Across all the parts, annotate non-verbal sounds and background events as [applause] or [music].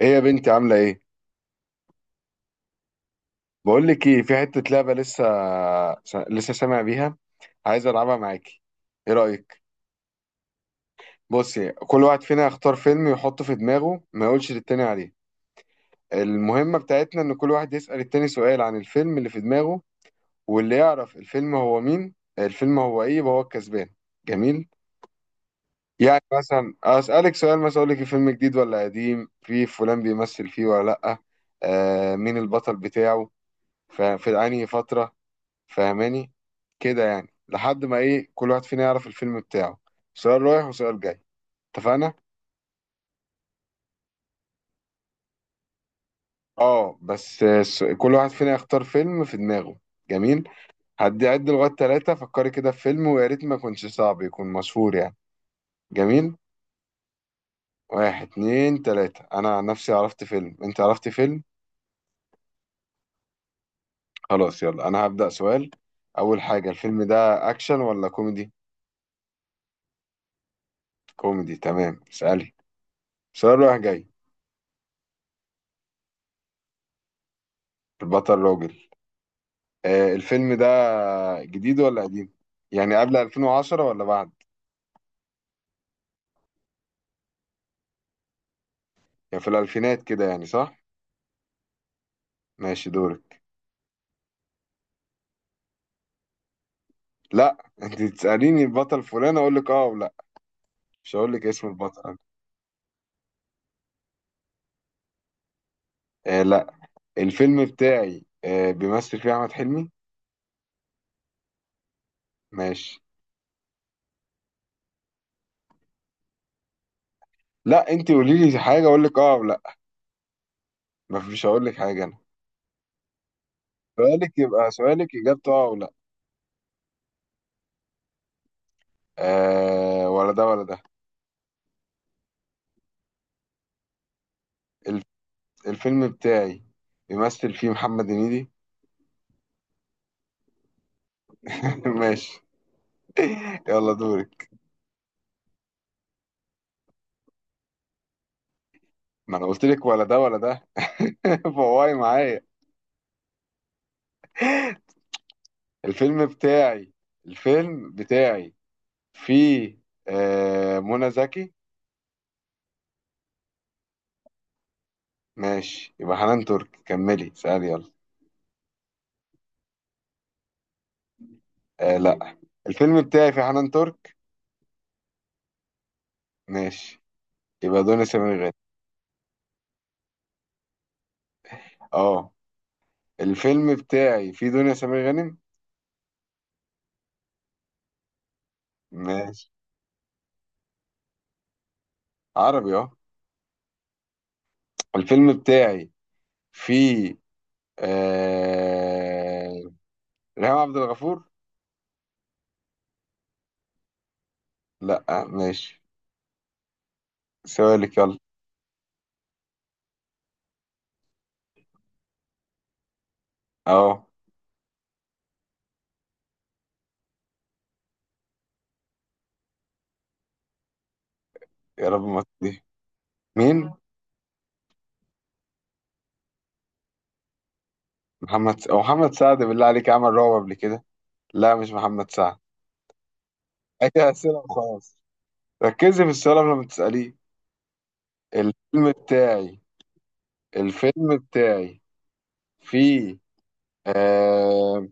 ايه يا بنتي عاملة ايه؟ بقول لك ايه، في حتة لعبة لسه سامع بيها، عايز العبها معاكي. ايه رأيك؟ بصي، كل واحد فينا يختار فيلم يحطه في دماغه، ما يقولش للتاني عليه. المهمة بتاعتنا ان كل واحد يسأل التاني سؤال عن الفيلم اللي في دماغه، واللي يعرف الفيلم هو مين، الفيلم هو ايه، يبقى هو الكسبان. جميل؟ يعني مثلا اسألك سؤال، مثلا اقول لك الفيلم جديد ولا قديم؟ في فلان بيمثل فيه ولا لأ؟ آه، مين البطل بتاعه؟ في انهي فترة؟ فاهماني؟ كده يعني، لحد ما ايه، كل واحد فينا يعرف الفيلم بتاعه. سؤال رايح وسؤال جاي. اتفقنا؟ اه بس كل واحد فينا يختار فيلم في دماغه. جميل، هدي عد لغايه ثلاثة، فكري كده في فيلم، ويا ريت ما يكونش صعب، يكون مشهور يعني. جميل. واحد اتنين تلاتة، انا عن نفسي عرفت فيلم، انت عرفت فيلم. خلاص يلا انا هبدأ سؤال. اول حاجة، الفيلم ده اكشن ولا كوميدي؟ كوميدي تمام، اسألي سؤال رايح جاي. البطل راجل. آه، الفيلم ده جديد ولا قديم، يعني قبل 2010 ولا بعد؟ يعني في الألفينات كده، يعني صح. ماشي دورك. لا [laughs] انت تسأليني البطل فلان، اقول لك اه ولا. مش هقول لك اسم البطل. آه لا، الفيلم بتاعي آه بيمثل فيه احمد حلمي. ماشي. لا، انت قولي لي حاجه، اقول لك اه ولا. مفيش هقول لك حاجه انا. سؤالك يبقى سؤالك، اجابته اه ولا. آه ولا ده ولا ده. الف- الفيلم بتاعي بيمثل فيه محمد هنيدي. [laughs] ماشي، يلا دوري. ما انا قلت لك ولا ده ولا ده. [laughs] فواي معايا. الفيلم بتاعي، الفيلم بتاعي فيه آه منى زكي. ماشي، يبقى حنان ترك. كملي سألي يلا. آه لا، الفيلم بتاعي فيه حنان ترك. ماشي، يبقى دنيا سمير غانم. اه الفيلم بتاعي فيه دنيا سمير غانم. ماشي، عربي اه. الفيلم بتاعي فيه آه... ريهام عبد الغفور. لا ماشي، سؤالك يلا. اه يا رب ما تضيع. مين؟ محمد س... أو محمد سعد؟ بالله عليك عمل رعب قبل كده. لا مش محمد سعد. هي أسئلة وخلاص، ركزي في السؤال قبل ما تسأليه. الفيلم بتاعي، الفيلم بتاعي في آه...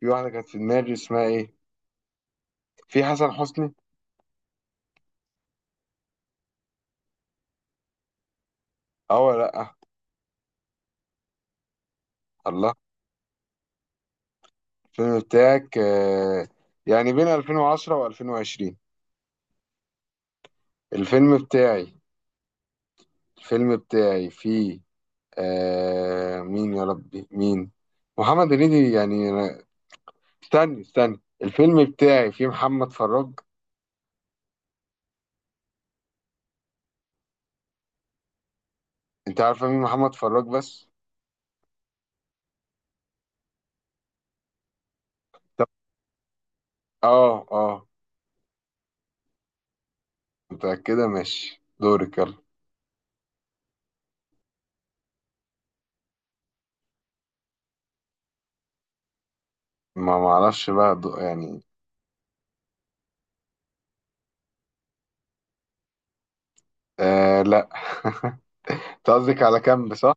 في واحدة كانت في دماغي اسمها إيه، في حسن حسني. أه ولا لأ؟ الله. الفيلم بتاعك يعني بين 2010 و2020. الفيلم بتاعي، الفيلم بتاعي في، مين يا ربي مين، محمد هنيدي يعني. استني استني، الفيلم بتاعي فيه محمد فراج. انت عارفه مين محمد فراج بس؟ طب اه اه. متأكده؟ ماشي، دورك يلا. ما معرفش بقى يعني. آه لا [laughs] انت قصدك على كامب صح؟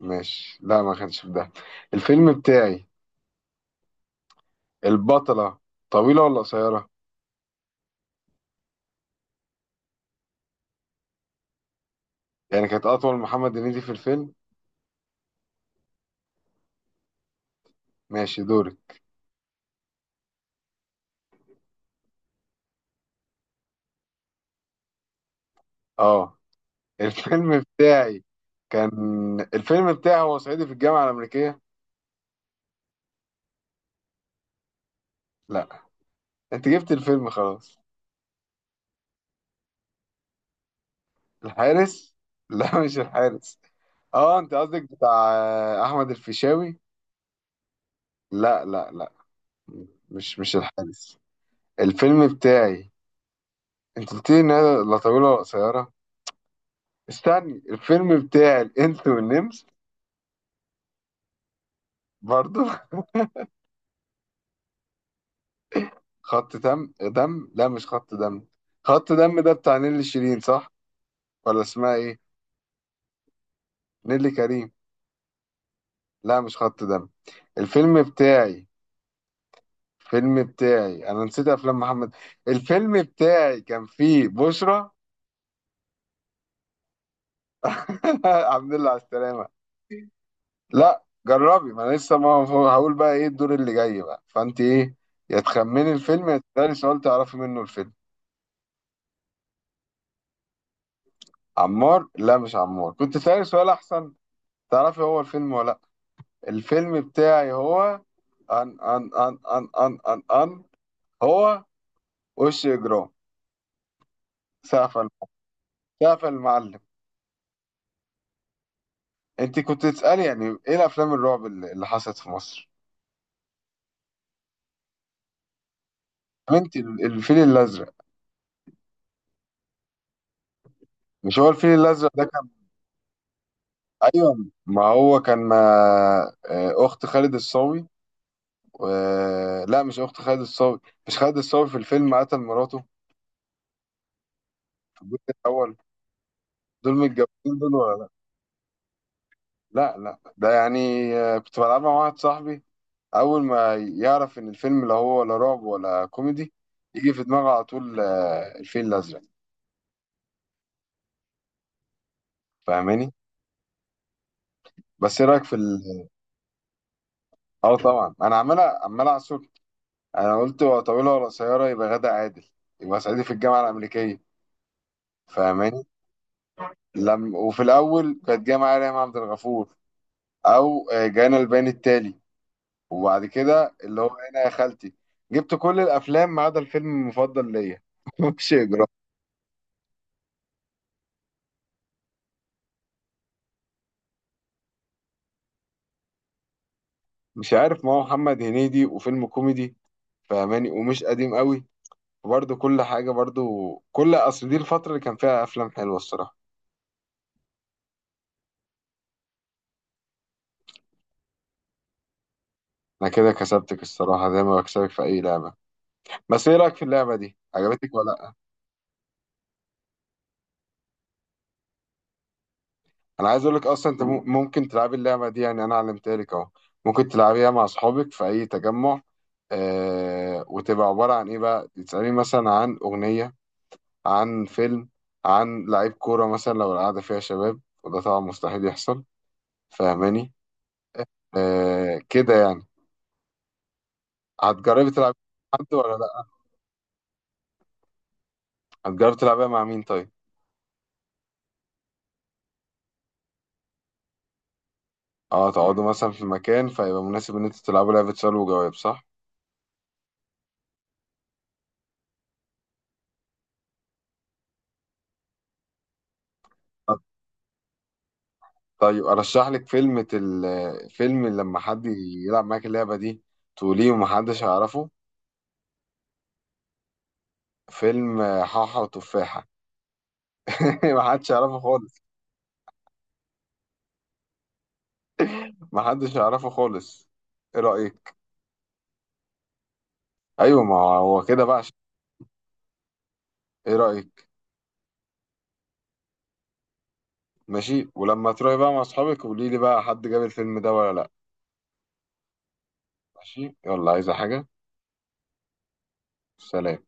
ماشي، لا ما كانش في ده. الفيلم بتاعي، البطلة طويلة ولا قصيرة؟ يعني كانت أطول، محمد هنيدي في الفيلم. ماشي دورك. اه الفيلم بتاعي كان، الفيلم بتاعي هو صعيدي في الجامعة الأمريكية. لا انت جبت الفيلم خلاص. الحارس؟ [laughs] لا مش الحارس. اه انت قصدك بتاع آه، احمد الفيشاوي. لا لا لا، مش مش الحارس. الفيلم بتاعي، انت قلت لي انها لا طويله ولا قصيره. استني، الفيلم بتاعي الانس والنمس؟ برضو [laughs] خط دم، دم؟ لا مش خط دم. خط دم ده بتاع نيللي شيرين صح، ولا اسمها ايه؟ نيللي كريم. لا مش خط دم. الفيلم بتاعي، الفيلم بتاعي، انا نسيت افلام محمد. الفيلم بتاعي كان فيه بشرى. [laughs] الحمد لله على السلامة. لا جربي، ما انا لسه، ما هو- هقول بقى ايه الدور اللي جاي، بقى فانت ايه، يا تخمني الفيلم، يا تسألي سؤال تعرفي منه الفيلم. عمار؟ لا مش عمار، كنت سألي سؤال احسن، تعرفي هو الفيلم ولا لا. الفيلم بتاعي هو ان ان ان ان ان ان ان هو، وش اجرام. سقف الم- سقف المعلم. انت كنت تسألي يعني ايه الافلام الرعب اللي حصلت في مصر. انت الفيل الازرق. مش هو الفيل الازرق ده؟ ايوه، ما هو كان مع آه، اخت خالد الصاوي. لا مش اخت خالد الصاوي. مش خالد الصاوي في الفيلم قتل مراته في الجزء الاول؟ دول متجوزين. دول ولا، لا لا لا، ده يعني آه، كنت بلعبها مع واحد صاحبي. اول ما يعرف ان الفيلم لا هو ولا رعب ولا كوميدي، يجي في دماغه على طول آه، الفيل الازرق. فاهماني؟ بس ايه رايك في اه طبعا. انا عمال اعصر. انا قلت ولا طويله ولا قصيره، يبقى غادة عادل. يبقى صعيدي في الجامعه الامريكيه. فاهماني؟ لم، وفي الاول كانت جايه معايا ريهام عبد الغفور، او آه، جانا البيان التالي. وبعد كده اللي هو انا يا خالتي جبت كل الافلام ما عدا الفيلم المفضل ليا. [laughs] مش اجرام. مش عارف، ما هو محمد هنيدي وفيلم كوميدي، فاهماني، ومش قديم قوي، برضه كل حاجه، برضه كل، اصل دي الفتره اللي كان فيها افلام حلوه الصراحه. انا كده كسبتك الصراحه، زي ما بكسبك في اي لعبه. بس ايه رايك في اللعبه دي، عجبتك ولا؟ انا عايز اقول لك اصلا، انت ممكن تلعبي اللعبه دي، يعني انا علمتها لك اهو. ممكن تلعبيها مع اصحابك في اي تجمع. آه، وتبقى عباره عن ايه بقى، تسالي مثلا عن اغنيه، عن فيلم، عن لعيب كوره مثلا، لو القعده فيها شباب، وده طبعا مستحيل يحصل. فاهماني؟ آه كده يعني. هتجربي تلعبي مع حد ولا لا؟ هتجربي تلعبيها مع مين طيب؟ اه، تقعدوا مثلا في مكان فيبقى مناسب ان انتوا تلعبوا لعبه سؤال وجواب صح. طيب ارشح لك فيلم فيلم لما حد يلعب معاك اللعبه دي، تقوليه ومحدش هيعرفه. فيلم حاحة وتفاحة. [laughs] محدش يعرفه خالص. محدش يعرفه خالص، ايه رأيك؟ ايوه، ما هو كده بقى. ايه رأيك؟ ماشي، ولما تروحي بقى مع اصحابك قولي لي بقى حد جاب الفيلم ده ولا لا. ماشي يلا، عايزة حاجة؟ سلام.